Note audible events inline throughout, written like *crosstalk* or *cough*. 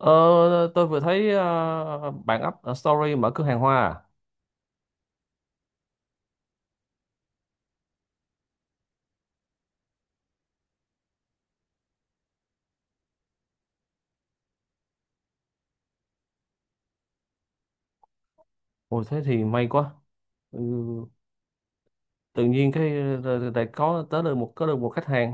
Ờ, tôi vừa thấy bạn up story mở cửa hàng hoa à. Ôi thế thì may quá. Ừ, tự nhiên cái lại có được một khách hàng.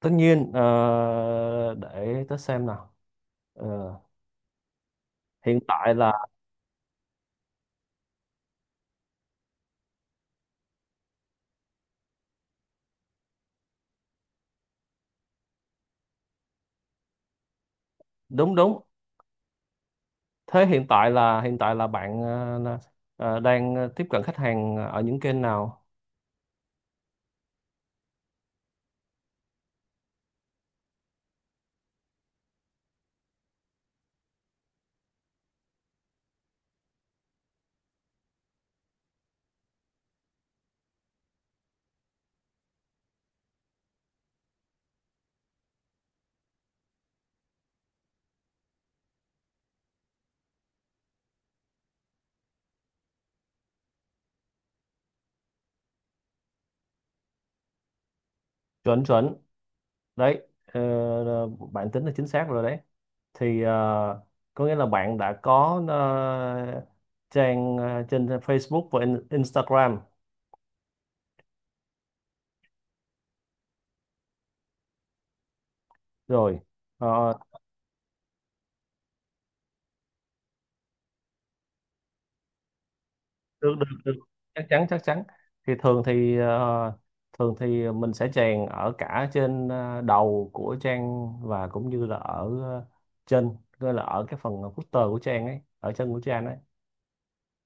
Tất nhiên, để tớ xem nào. Ờ, Hiện tại là, đúng đúng. Thế hiện tại là bạn đang tiếp cận khách hàng ở những kênh nào? Chuẩn, chuẩn. Đấy, bạn tính là chính xác rồi đấy. Thì có nghĩa là bạn đã có trang trên Facebook và Instagram rồi. Ờ, Được, được, được. Chắc chắn, chắc chắn. Thì thường thì mình sẽ chèn ở cả trên đầu của trang và cũng như là ở trên, gọi là ở cái phần footer của trang ấy, ở chân của trang ấy.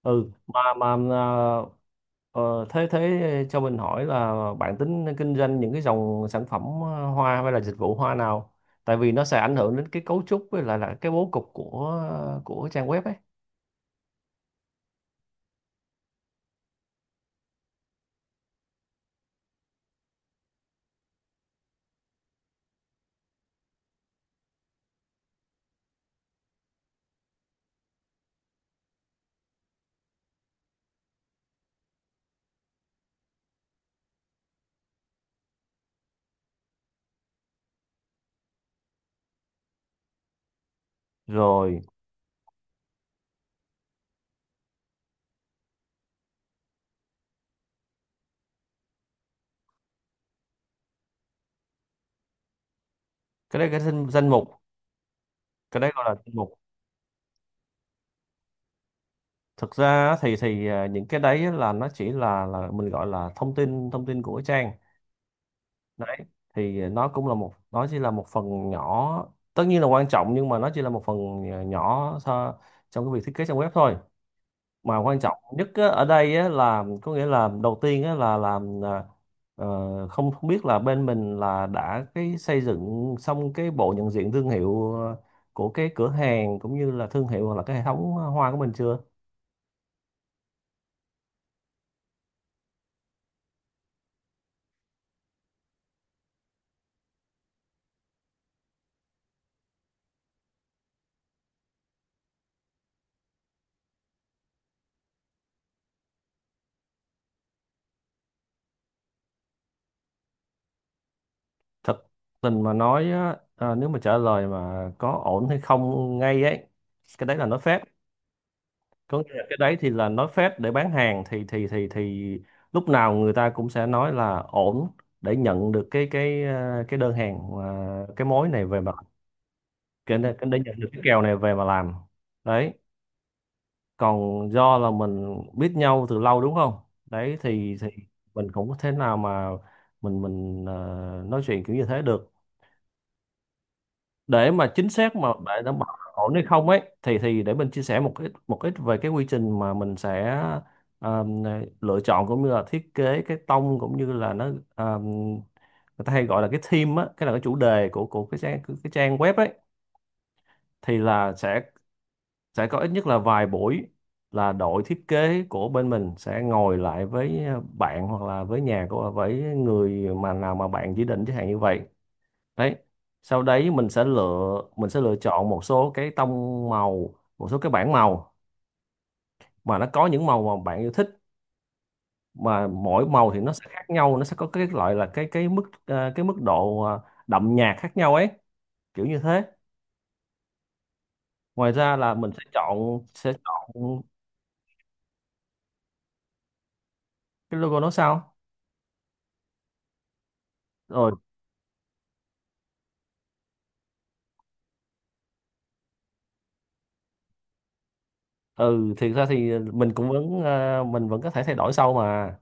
ừ mà mà ờ, Ờ, thế thế cho mình hỏi là bạn tính kinh doanh những cái dòng sản phẩm hoa hay là dịch vụ hoa nào? Tại vì nó sẽ ảnh hưởng đến cái cấu trúc với lại là cái bố cục của trang web ấy. Rồi, cái đấy cái danh mục, cái đấy gọi là danh mục. Thực ra á những cái đấy á là nó chỉ là mình gọi là thông tin của trang. Đấy, thì nó cũng là một nó chỉ là một phần nhỏ, tất nhiên là quan trọng nhưng mà nó chỉ là một phần nhỏ, trong cái việc thiết kế trang web thôi. Mà quan trọng nhất á, ở đây á, là có nghĩa là đầu tiên á, là làm à, ờ, không không biết là bên mình là đã cái xây dựng xong cái bộ nhận diện thương hiệu của cái cửa hàng cũng như là thương hiệu hoặc là cái hệ thống hoa của mình chưa. Thật tình mà nói á, nếu mà trả lời mà có ổn hay không ngay ấy, cái đấy là nói phép. Có nghĩa là cái đấy thì là nói phết để bán hàng, thì lúc nào người ta cũng sẽ nói là ổn, để nhận được cái đơn hàng, cái mối này về mà, cái để nhận được cái kèo này về mà làm. Đấy, còn do là mình biết nhau từ lâu đúng không? Đấy thì mình cũng có thể nào mà mình mình ờ, nói chuyện kiểu như thế được, để mà chính xác, mà để đảm bảo ổn hay không ấy thì để mình chia sẻ một ít về cái quy trình mà mình sẽ um, lựa chọn cũng như là thiết kế cái tông, cũng như là nó um, người ta hay gọi là cái theme á, cái là cái chủ đề của cái trang web ấy, thì là sẽ có ít nhất là vài buổi là đội thiết kế của bên mình sẽ ngồi lại với bạn, hoặc là với nhà của với người mà nào mà bạn chỉ định chẳng hạn như vậy. Đấy, sau đấy mình sẽ lựa chọn một số cái tông màu, một số cái bảng màu mà nó có những màu mà bạn yêu thích, mà mỗi màu thì nó sẽ khác nhau, nó sẽ có cái loại là cái mức độ, đậm nhạt khác nhau ấy, kiểu như thế. Ngoài ra là mình sẽ chọn. Cái logo nó sao? Rồi, ừ, thì ra thì mình vẫn có thể thay đổi sau mà.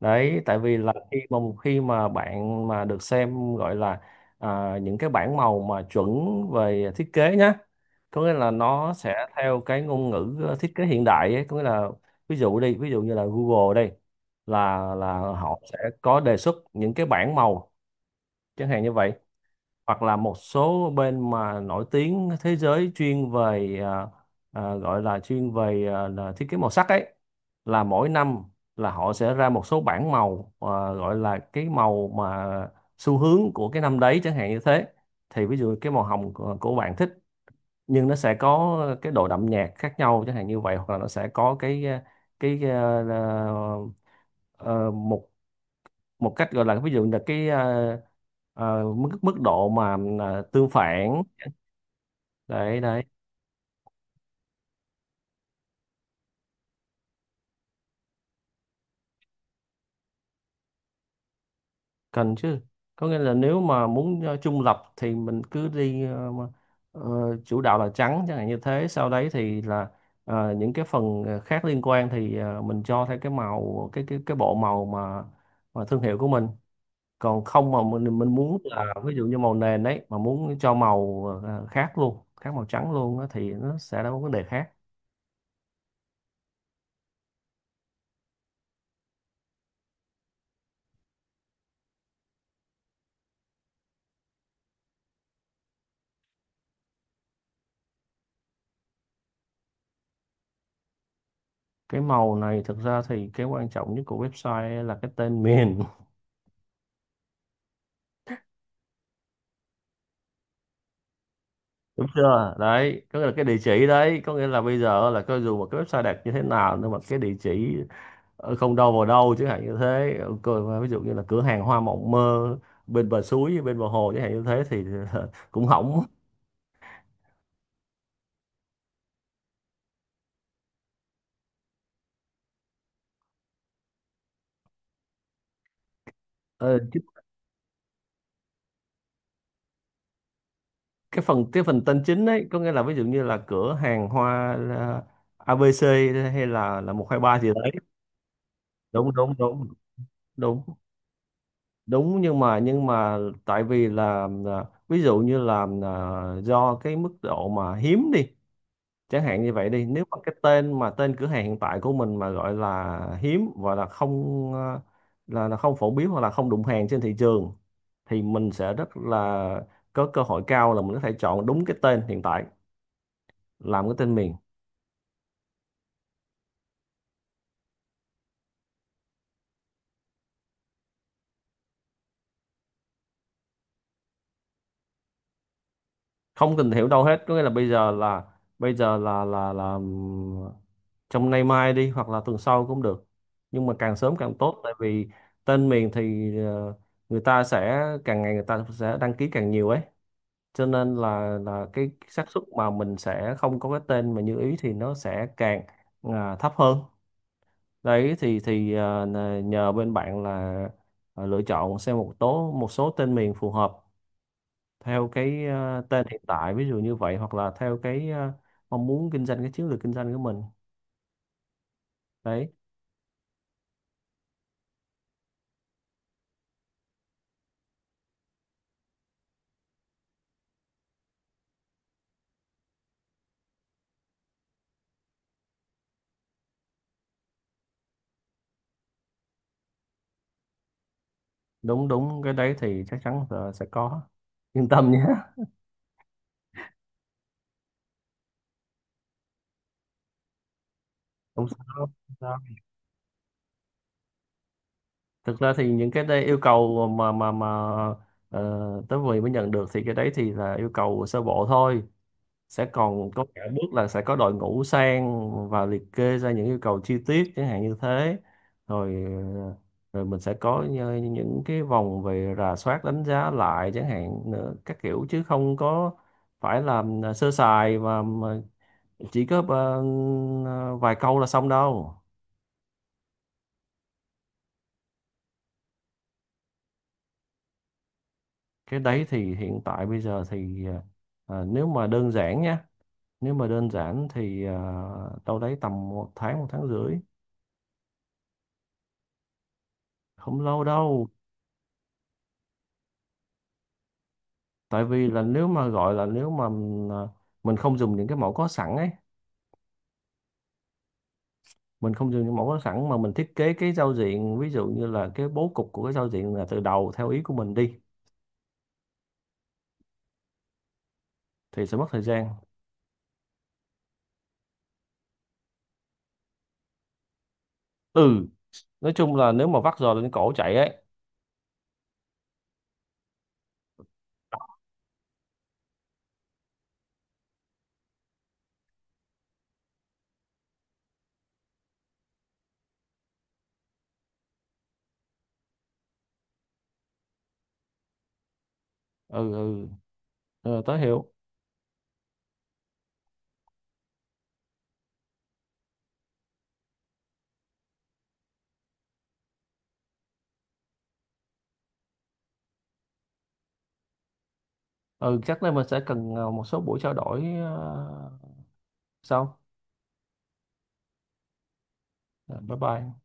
Đấy, tại vì là khi mà bạn mà được xem, gọi là những cái bảng màu mà chuẩn về thiết kế nhá. Có nghĩa là nó sẽ theo cái ngôn ngữ thiết kế hiện đại ấy. Có nghĩa là, ví dụ như là Google đây, là họ sẽ có đề xuất những cái bảng màu chẳng hạn như vậy. Hoặc là một số bên mà nổi tiếng thế giới chuyên về, gọi là chuyên về, là thiết kế màu sắc ấy, là mỗi năm là họ sẽ ra một số bảng màu, gọi là cái màu mà xu hướng của cái năm đấy, chẳng hạn như thế. Thì ví dụ cái màu hồng của bạn thích, nhưng nó sẽ có cái độ đậm nhạt khác nhau chẳng hạn như vậy, hoặc là nó sẽ có cái à, à, ờ, ờ, một một cách gọi là, ví dụ là cái mức mức độ mà tương phản. Đấy, đấy. Cần chứ. Có nghĩa là nếu mà muốn trung lập thì mình cứ đi, ờ, chủ đạo là trắng chẳng hạn như thế. Sau đấy thì là những cái phần khác liên quan thì mình cho theo cái bộ màu mà thương hiệu của mình. Còn không mà mình muốn là ví dụ như màu nền đấy mà muốn cho màu khác luôn, khác màu trắng luôn á, thì nó sẽ là một vấn đề khác. Cái màu này, thực ra thì cái quan trọng nhất của website là cái tên miền. *laughs* Đúng chưa? Đấy, có nghĩa là cái địa chỉ. Đấy, có nghĩa là bây giờ là coi dù một cái website đẹp như thế nào nhưng mà cái địa chỉ không đâu vào đâu chẳng hạn như thế. Ví dụ như là cửa hàng hoa mộng mơ bên bờ suối, bên bờ hồ chẳng hạn như thế thì *laughs* cũng hỏng. Ờ, Chứ cái phần tên chính ấy, có nghĩa là ví dụ như là cửa hàng hoa ABC, hay là một hai ba gì đấy. Đúng, đúng, đúng. Đúng, đúng. Nhưng mà tại vì là, ví dụ như là, do cái mức độ mà hiếm đi chẳng hạn như vậy đi, nếu mà cái tên mà tên cửa hàng hiện tại của mình mà gọi là hiếm, và là không phổ biến hoặc là không đụng hàng trên thị trường, thì mình sẽ rất là có cơ hội cao là mình có thể chọn đúng cái tên hiện tại làm cái tên miền. Không tìm hiểu đâu hết. Có nghĩa là bây giờ là trong nay mai đi, hoặc là tuần sau cũng được, nhưng mà càng sớm càng tốt, tại vì tên miền thì người ta sẽ càng ngày người ta sẽ đăng ký càng nhiều ấy, cho nên là cái xác suất mà mình sẽ không có cái tên mà như ý thì nó sẽ càng thấp hơn. Đấy, nhờ bên bạn là lựa chọn xem một số tên miền phù hợp, theo cái tên hiện tại ví dụ như vậy, hoặc là theo cái mong muốn kinh doanh, cái chiến lược kinh doanh của mình. Đấy. Đúng, đúng. Cái đấy thì chắc chắn là sẽ có, yên tâm nhé. *laughs* Không sao, không sao. Thực ra thì những cái đây yêu cầu ờ, tới vừa mới nhận được thì cái đấy thì là yêu cầu sơ bộ thôi, sẽ còn có cả bước là sẽ có đội ngũ sang và liệt kê ra những yêu cầu chi tiết chẳng hạn như thế. Rồi, ờ, rồi mình sẽ có những cái vòng về rà soát đánh giá lại chẳng hạn nữa các kiểu, chứ không có phải là sơ sài và mà chỉ có vài câu là xong đâu. Cái đấy thì hiện tại bây giờ thì ờ, nếu mà đơn giản nha nếu mà đơn giản thì đâu đấy tầm một tháng, một tháng rưỡi. Không lâu đâu. Tại vì là nếu mà mình không dùng những cái mẫu có sẵn ấy, mình không dùng những mẫu có sẵn mà mình thiết kế cái giao diện, ví dụ như là cái bố cục của cái giao diện là từ đầu theo ý của mình đi, thì sẽ mất thời gian. Ừ, nói chung là nếu mà vắt giò lên cổ chạy ấy. Ừ, ừ. Ừ, tớ hiểu. Ừ, chắc là mình sẽ cần một số buổi trao đổi, sau. Rồi, bye bye.